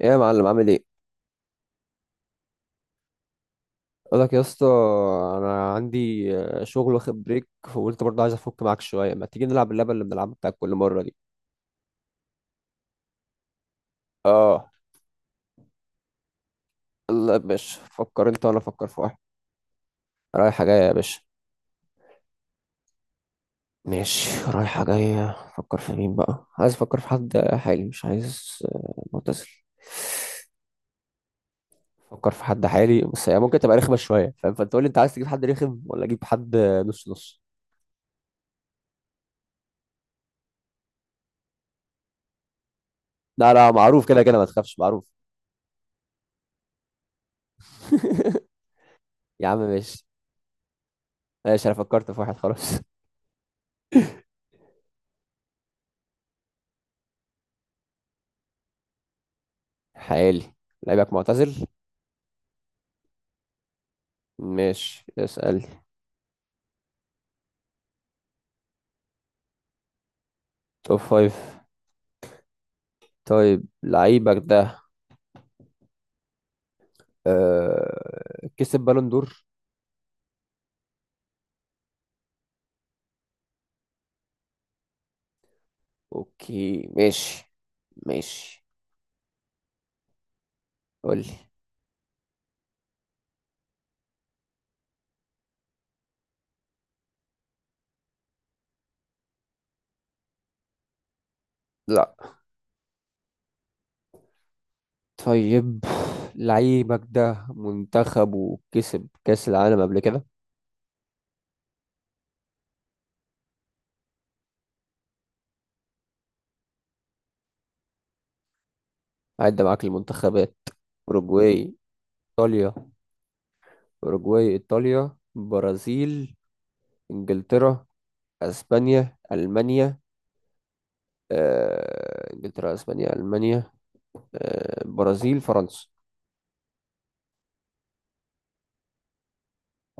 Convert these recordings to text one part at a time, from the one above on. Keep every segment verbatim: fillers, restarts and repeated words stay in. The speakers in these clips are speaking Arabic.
ايه يا معلم، عامل ايه؟ اقول لك يا اسطى، انا عندي آه، شغل واخد بريك، فقلت برضه عايز افك معاك شويه. ما تيجي نلعب اللعبه اللي بنلعبها بتاعت كل مره دي؟ اه. لا يا باشا، فكر انت وانا افكر في واحد. رايحه جايه يا باشا. ماشي، رايحه جايه. فكر في مين بقى. عايز افكر في حد حالي مش عايز آه، معتزل. فكر في حد حالي بس هي ممكن تبقى رخمه شويه، فاهم؟ فانت قول لي انت عايز تجيب حد رخم ولا اجيب حد. نص نص. لا لا، معروف كده كده ما تخافش، معروف. يا عم ماشي. ماشي انا فكرت في واحد خلاص. حالي. لعيبك معتزل. ماشي، اسأل. توب فايف. طيب لعيبك ده آه... كسب بالون دور؟ اوكي ماشي. ماشي. قولي. لا. طيب لعيبك ده منتخب وكسب كأس العالم قبل كده؟ عدى معاك المنتخبات. أوروجواي. إيطاليا. أوروجواي إيطاليا برازيل. إنجلترا. أسبانيا ألمانيا. آه، انجلترا اسبانيا المانيا. آه، برازيل فرنسا.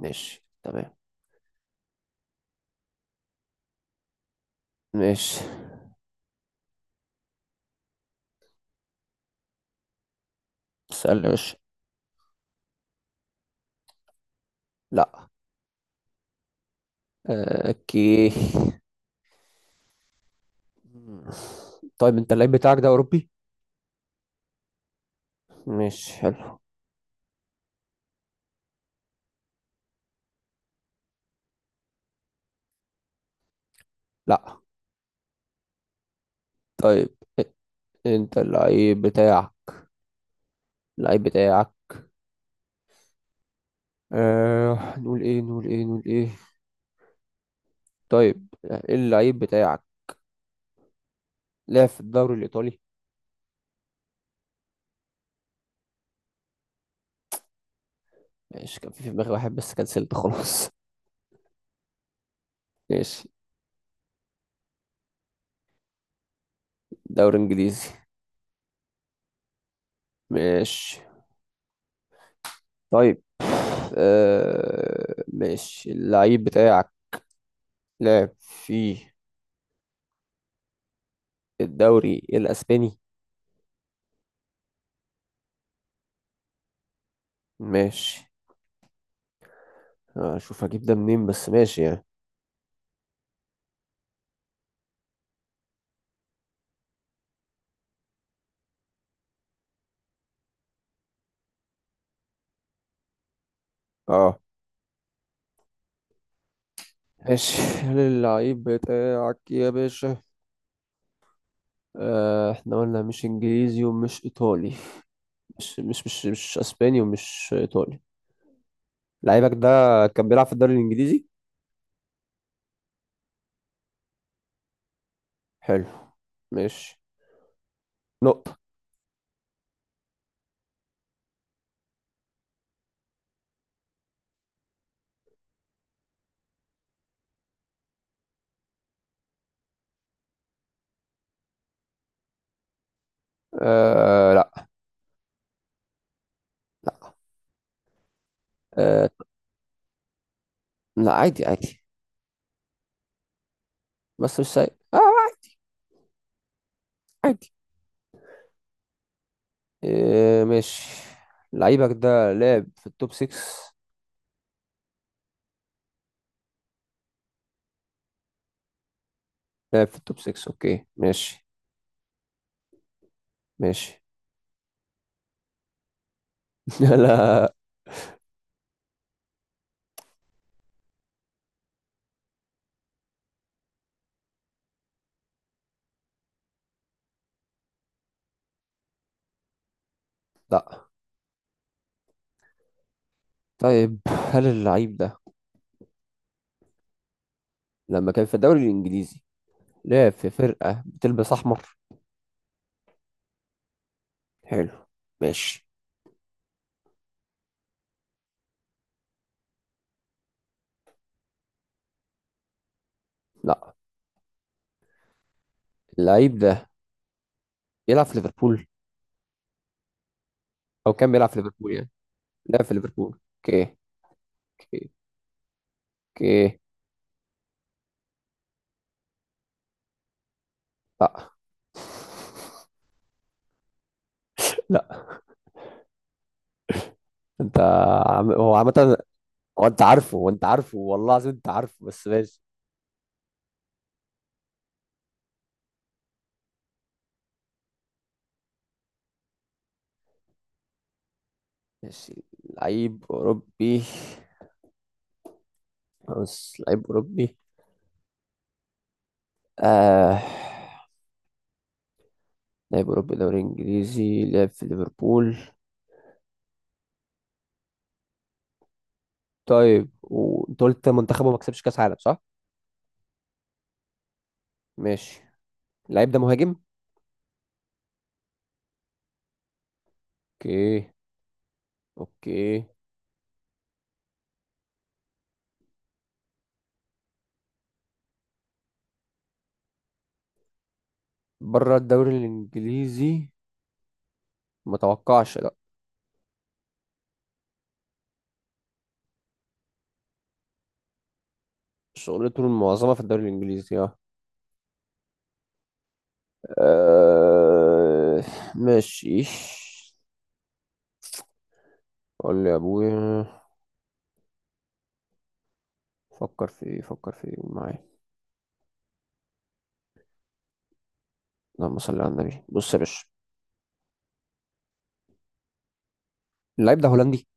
ماشي تمام. ماشي. اسال يا باشا. لا. آه، اوكي. طيب انت اللعيب بتاعك ده اوروبي؟ ماشي حلو. لا. طيب. انت اللعيب بتاعك. اللعيب بتاعك. آه نقول ايه نقول ايه نقول ايه. طيب، آه، اللعيب بتاعك لعب في الدوري الايطالي؟ ماشي، كان في في دماغي واحد بس كنسلت خلاص. ماشي. دوري انجليزي. ماشي. طيب. آه ماشي. اللعيب بتاعك لعب في الدوري الأسباني؟ ماشي. أشوف هجيب ده منين بس ماشي يعني. اه. ماشي. هل اللعيب بتاعك يا باشا، آه احنا قلنا مش انجليزي ومش ايطالي. مش مش مش, مش اسباني ومش ايطالي. لعيبك ده كان بيلعب في الدوري الانجليزي؟ حلو. ماشي. نقطة. آه لا. آه. لا عادي عادي، بس مش سيء. آه عادي. إيه ماشي. لعيبك ده لعب في التوب ستة؟ لعب في التوب ستة. اوكي ماشي. ماشي. لا. لا. طيب هل اللعيب ده لما كان في الدوري الانجليزي لعب في فرقة بتلبس احمر؟ حلو. ماشي. لا. اللعيب ده بيلعب في ليفربول، او كان بيلعب في ليفربول يعني. لعب في ليفربول اوكي. اوكي. اوكي. لا. لا. انت... عم... هو عامة، هو انت عارفه، هو انت عارفه والله العظيم انت عارفه بس ماشي. ماشي. لعيب أوروبي. بص، لعيب أوروبي. آه. لعيب أوروبي دوري إنجليزي لعب في ليفربول. طيب وأنت قلت منتخبه ما كسبش كأس عالم، صح؟ ماشي. اللعيب ده مهاجم؟ أوكي. أوكي. بره الدوري الإنجليزي. ما توقعش لا. شغلته المعظمة في الدوري الإنجليزي اه. آه، ماشي. قول لي يا أبويا. فكر في إيه، فكر في إيه معايا. اللهم صل على النبي. بص يا باشا، اللعيب ده هولندي.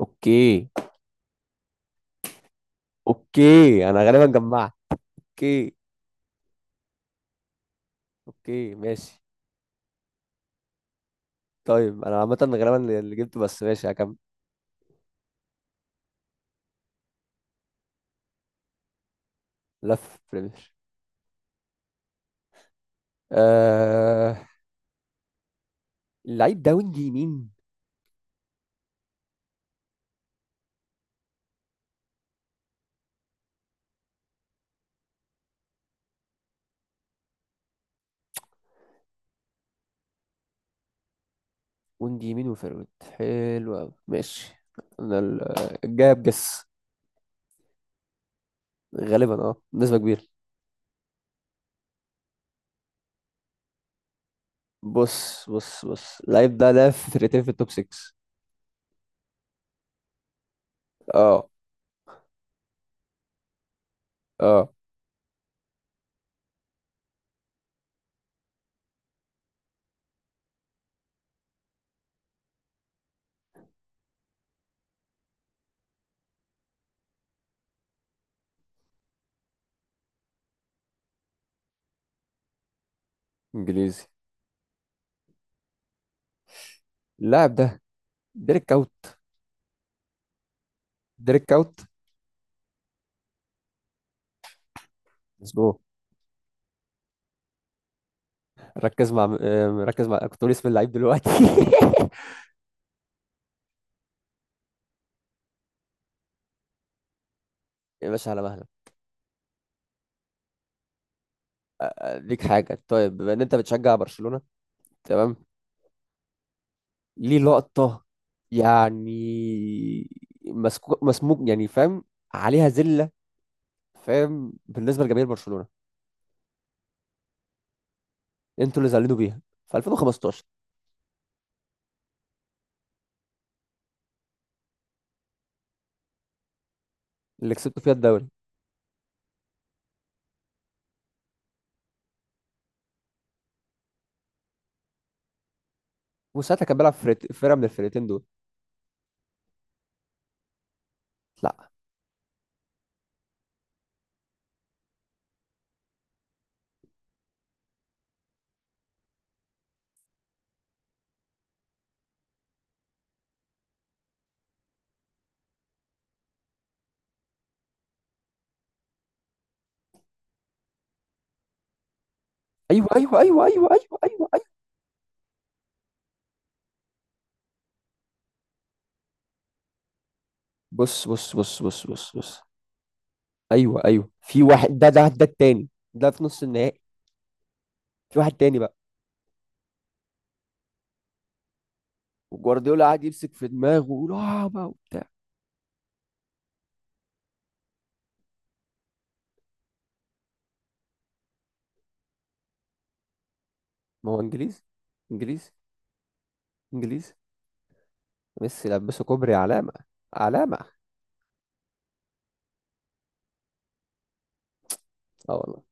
اوكي. اوكي انا غالبا جمعت. اوكي. اوكي ماشي. طيب انا عامه غالبا اللي جبته، بس ماشي هكمل. لف بريمير. آه... اللعيب ده وينج يمين. وينج يمين وفيرويد، حلو قوي. ماشي. انا ال- الجاب جس. غالبا اه بنسبه كبيره. بص بص بص اللعيب ده لعب في فرقتين في التوب ستة. اه. اه انجليزي. اللاعب ده ديريك كاوت. ديريك كاوت. مظبوط. ركز مع آه، ركز مع، كنت بقول اسم اللعيب دلوقتي. يا باشا على مهلك. ليك حاجة، طيب. بما ان انت بتشجع برشلونة، تمام. ليه لقطة يعني، مسكوك مسموك يعني، فاهم؟ عليها زلة، فاهم؟ بالنسبة لجماهير برشلونة انتوا اللي زعلانين بيها، في ألفين وخمستاشر، اللي كسبتوا فيها الدوري، وساعتها كان بيلعب في فرقة فرقة من الفرقتين دول. لا. ايوه ايوه ايوه ايوه ايوه ايوه ايوه. بص بص بص بص بص بص. ايوه ايوه. في واحد، ده ده ده التاني ده في نص النهائي. في واحد تاني بقى. وجوارديولا قاعد يمسك في دماغه ويقول اه بقى وبتاع. ما هو انجليزي. انجليزي. انجليزي. ميسي لبسه كوبري علامة، علامة. اه والله.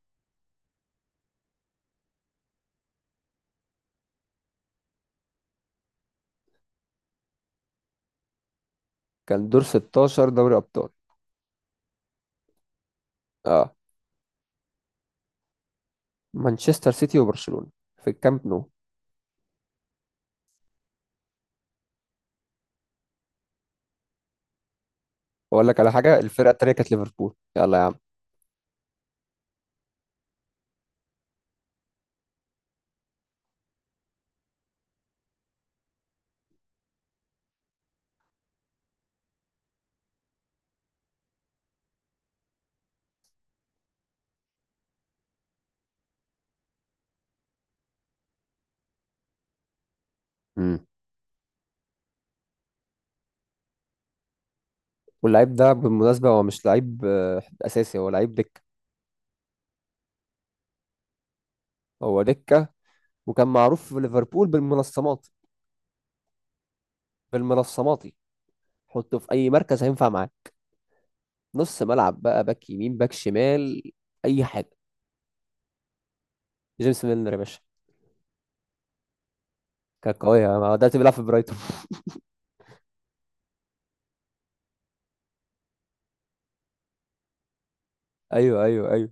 كان دور ستاشر دوري ابطال. اه. مانشستر سيتي وبرشلونة في الكامب نو. اقول لك على حاجة، الفرقة التانية كانت ليفربول، يلا يا عم. امم. واللعيب ده بالمناسبة هو مش لعيب آه، اساسي، هو لعيب دكة. هو دكة. وكان معروف في ليفربول بالمنصمات. بالمنصماتي. حطه في اي مركز هينفع معاه. نص ملعب بقى، باك يمين، باك شمال، اي حاجة. جيمس ميلنر يا باشا. كان قوي ده، دلوقتي بيلعب في برايتون. ايوه ايوه ايوه.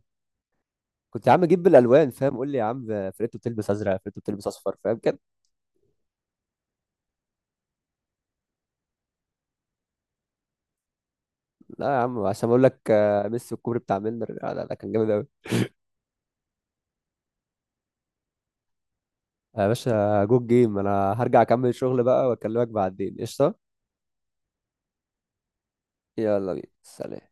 كنت يا عم اجيب بالالوان فاهم، قول لي يا عم فرقته بتلبس ازرق، فرقته بتلبس اصفر، فاهم كده. لا يا عم عشان اقول لك آه، ميسي والكوبري بتاع ميلنر، لا لا لا، كان جامد قوي. يا باشا جود جيم، انا هرجع اكمل شغل بقى واكلمك بعدين، قشطه. يلا بينا، سلام.